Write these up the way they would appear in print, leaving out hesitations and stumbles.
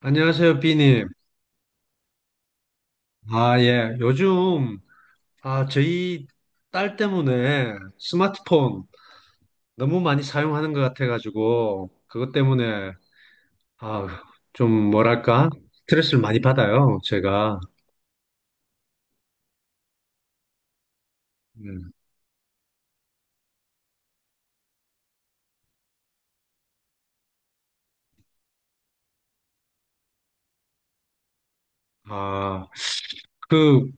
안녕하세요, 비님. 예. 저희 딸 때문에 스마트폰 너무 많이 사용하는 것 같아가지고, 아, 좀 뭐랄까? 스트레스를 많이 받아요, 제가. 음. 아, 그,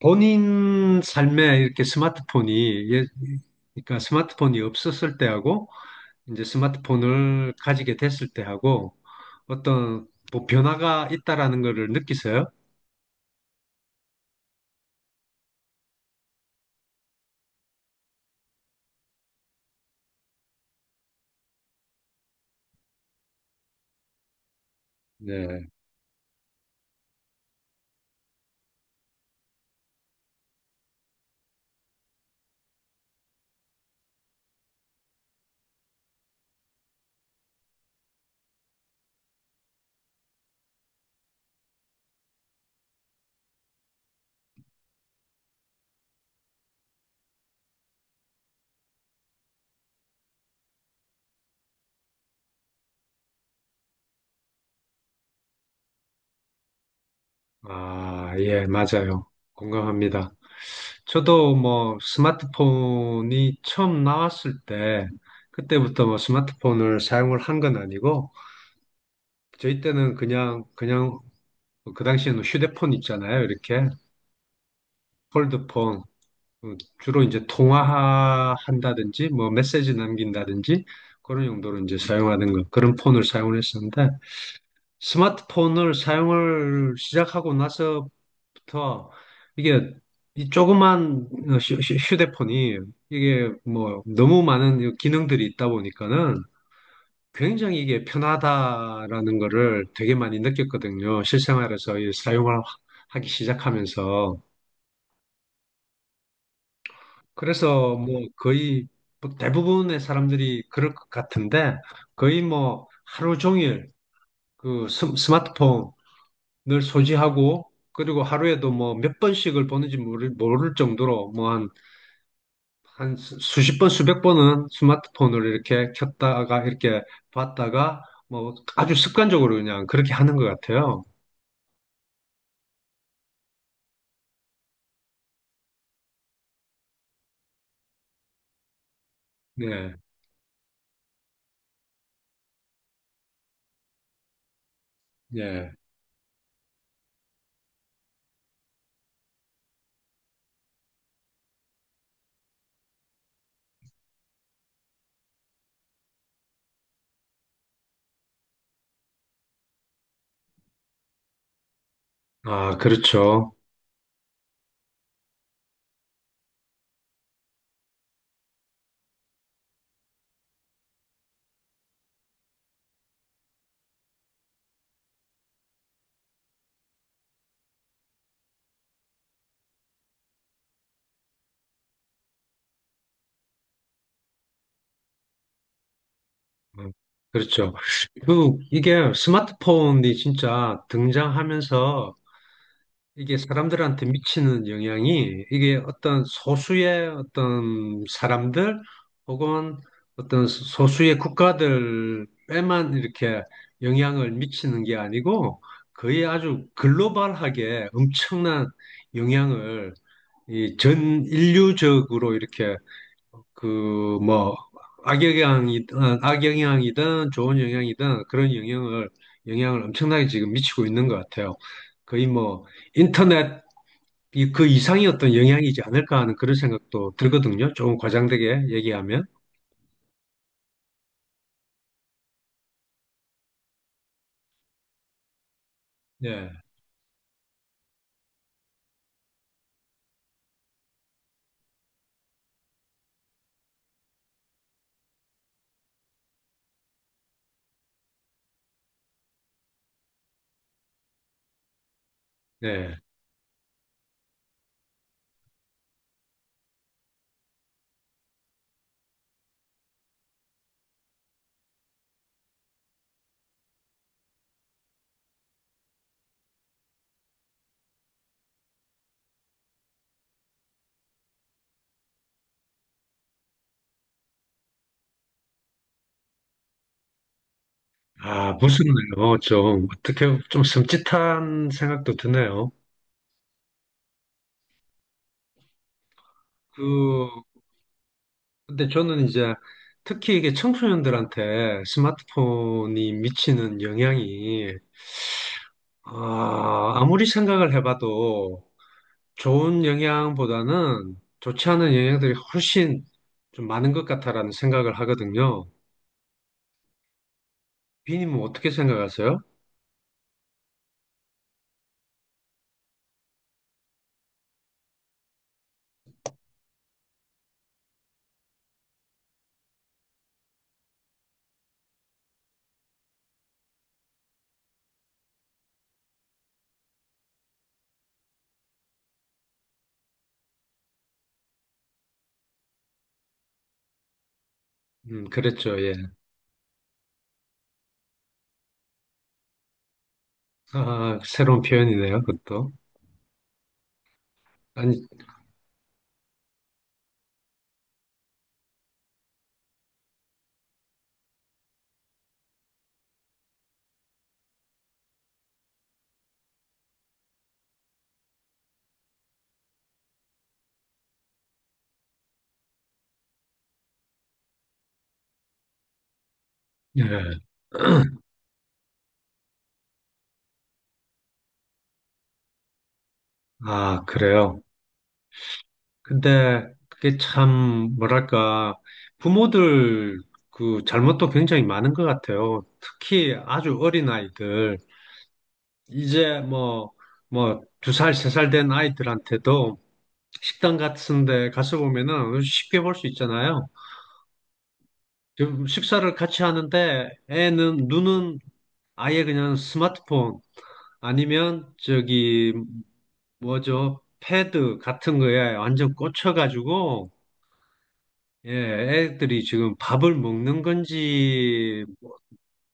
본인 삶에 이렇게 스마트폰이, 예, 그러니까 스마트폰이 없었을 때하고, 이제 스마트폰을 가지게 됐을 때하고, 어떤 뭐 변화가 있다라는 거를 느끼세요? 네. 아, 예, 맞아요. 공감합니다. 저도 뭐 스마트폰이 처음 나왔을 때 그때부터 뭐 스마트폰을 사용을 한 건 아니고 저희 때는 그냥 뭐 그 당시에는 휴대폰 있잖아요. 이렇게 폴드폰 어, 주로 이제 통화한다든지 뭐 메시지 남긴다든지 그런 용도로 이제 사용하는 거 그런 폰을 사용을 했었는데 스마트폰을 사용을 시작하고 나서부터 이게 이 조그만 휴대폰이 이게 뭐 너무 많은 이 기능들이 있다 보니까는 굉장히 이게 편하다라는 거를 되게 많이 느꼈거든요. 실생활에서 이 하기 시작하면서. 그래서 뭐 거의 뭐 대부분의 사람들이 그럴 것 같은데 거의 뭐 하루 종일 그 스마트폰 늘 소지하고 그리고 하루에도 뭐 몇 번씩을 보는지 모를 정도로 한 수십 번, 수백 번은 스마트폰을 이렇게 켰다가 이렇게 봤다가 뭐 아주 습관적으로 그냥 그렇게 하는 것 같아요. 네, 네 아, 그렇죠. 음, 그렇죠. 그, 이게 스마트폰이 진짜 등장하면서 이게 사람들한테 미치는 영향이 이게 어떤 소수의 어떤 사람들 혹은 어떤 소수의 국가들에만 이렇게 영향을 미치는 게 아니고 거의 아주 글로벌하게 엄청난 영향을 이 전 인류적으로 이렇게 그 뭐 악영향이든 좋은 영향이든 그런 영향을 영향을 엄청나게 지금 미치고 있는 것 같아요. 거의 뭐 인터넷 이, 그 이상의 어떤 영향이지 않을까 하는 그런 생각도 들거든요. 조금 과장되게 얘기하면. 네. 네. 아, 무섭네요. 좀, 어떻게, 좀 섬찟한 생각도 드네요. 그, 근데 저는 이제 특히 이게 청소년들한테 스마트폰이 미치는 영향이, 아, 아무리 생각을 해봐도 좋은 영향보다는 좋지 않은 영향들이 훨씬 좀 많은 것 같다라는 생각을 하거든요. 비님은 어떻게 생각하세요? 그랬죠, 예. 아, 새로운 표현이네요, 그것도. 아니, 예. 아, 그래요. 근데 그게 참, 뭐랄까, 부모들 그 잘못도 굉장히 많은 것 같아요. 특히 아주 어린 아이들. 이제 뭐, 두 살, 세 살 된 아이들한테도 식당 같은 데 가서 보면은 쉽게 볼 수 있잖아요. 지금 식사를 같이 하는데 애는, 눈은 아예 그냥 스마트폰, 아니면 저기 뭐죠? 패드 같은 거에 완전 꽂혀가지고, 예, 애들이 지금 밥을 먹는 건지,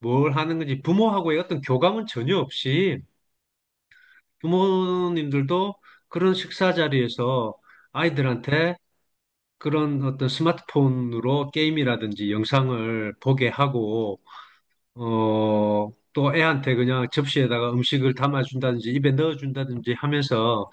뭘 하는 건지, 부모하고의 어떤 교감은 전혀 없이, 부모님들도 그런 식사 자리에서 아이들한테 그런 어떤 스마트폰으로 게임이라든지 영상을 보게 하고, 또 애한테 그냥 접시에다가 음식을 담아준다든지 입에 넣어준다든지 하면서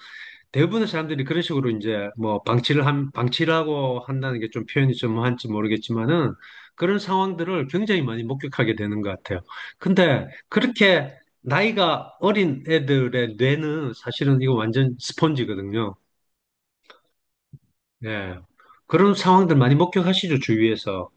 대부분의 사람들이 그런 식으로 이제 뭐 방치를 한, 방치라고 한다는 게 좀 표현이 좀 한지 모르겠지만은 그런 상황들을 굉장히 많이 목격하게 되는 것 같아요. 근데 그렇게 나이가 어린 애들의 뇌는 사실은 이거 완전 스펀지거든요. 예. 그런 상황들 많이 목격하시죠, 주위에서.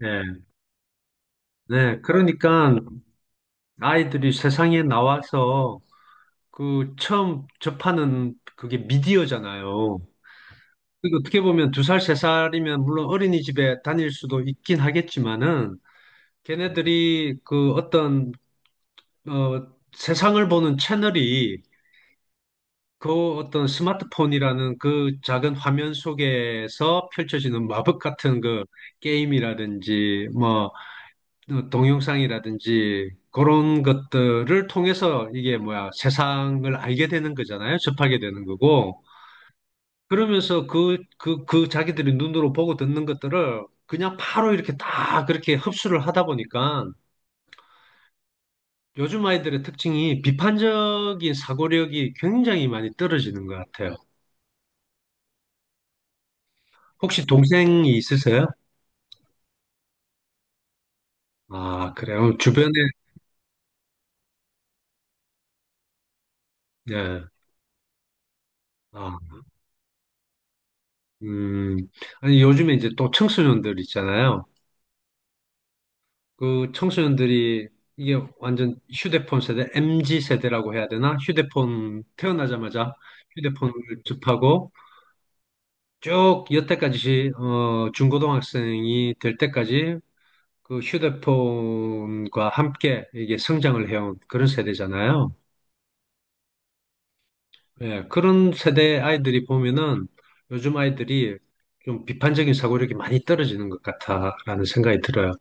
예. 네. 그러니까 아이들이 세상에 나와서 그 처음 접하는 그게 미디어잖아요. 그리고 어떻게 보면 두 살, 세 살이면 물론 어린이집에 다닐 수도 있긴 하겠지만은 걔네들이 그 어떤 어 세상을 보는 채널이 그 어떤 스마트폰이라는 그 작은 화면 속에서 펼쳐지는 마법 같은 그 게임이라든지 동영상이라든지 그런 것들을 통해서 이게 뭐야 세상을 알게 되는 거잖아요. 접하게 되는 거고. 그러면서 그 자기들이 눈으로 보고 듣는 것들을 그냥 바로 이렇게 다 그렇게 흡수를 하다 보니까 요즘 아이들의 특징이 비판적인 사고력이 굉장히 많이 떨어지는 것 같아요. 혹시 동생이 있으세요? 아, 그래요. 어, 주변에, 예. 아, 음. 아니, 요즘에 이제 또 청소년들 있잖아요. 그 청소년들이 이게 완전 휴대폰 세대, MZ 세대라고 해야 되나? 휴대폰 태어나자마자 휴대폰을 접하고 쭉 여태까지 어, 중고등학생이 될 때까지 그 휴대폰과 함께 이게 성장을 해온 그런 세대잖아요. 예, 그런 세대 아이들이 보면은 요즘 아이들이 좀 비판적인 사고력이 많이 떨어지는 것 같다라는 생각이 들어요.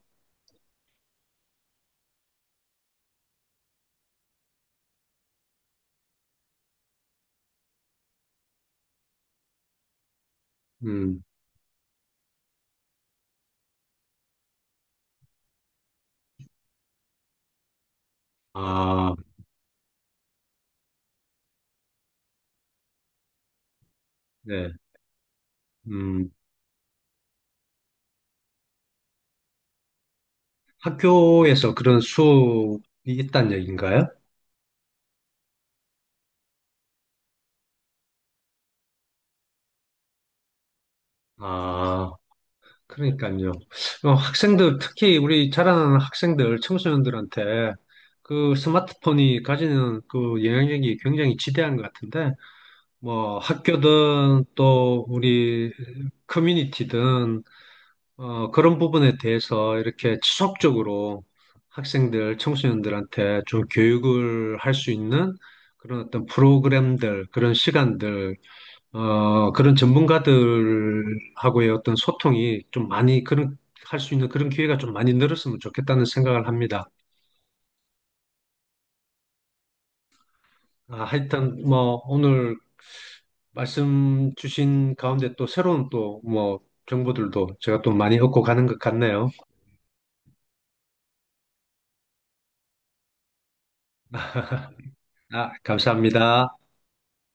음, 아, 네, 음, 학교에서 그런 수업이 있다는 얘기인가요? 아. 그러니까요. 어, 학생들, 특히 우리 자라나는 학생들, 청소년들한테 그 스마트폰이 가지는 그 영향력이 굉장히 지대한 것 같은데, 뭐 학교든 또 우리 커뮤니티든, 어, 그런 부분에 대해서 이렇게 지속적으로 학생들, 청소년들한테 좀 교육을 할 수 있는 그런 어떤 프로그램들, 그런 시간들, 어, 그런 전문가들하고의 어떤 소통이 좀 많이 그런 할 수 있는 그런 기회가 좀 많이 늘었으면 좋겠다는 생각을 합니다. 아, 하여튼 뭐 오늘 말씀 주신 가운데 또 새로운 또 뭐 정보들도 제가 또 많이 얻고 가는 것 같네요. 아, 감사합니다.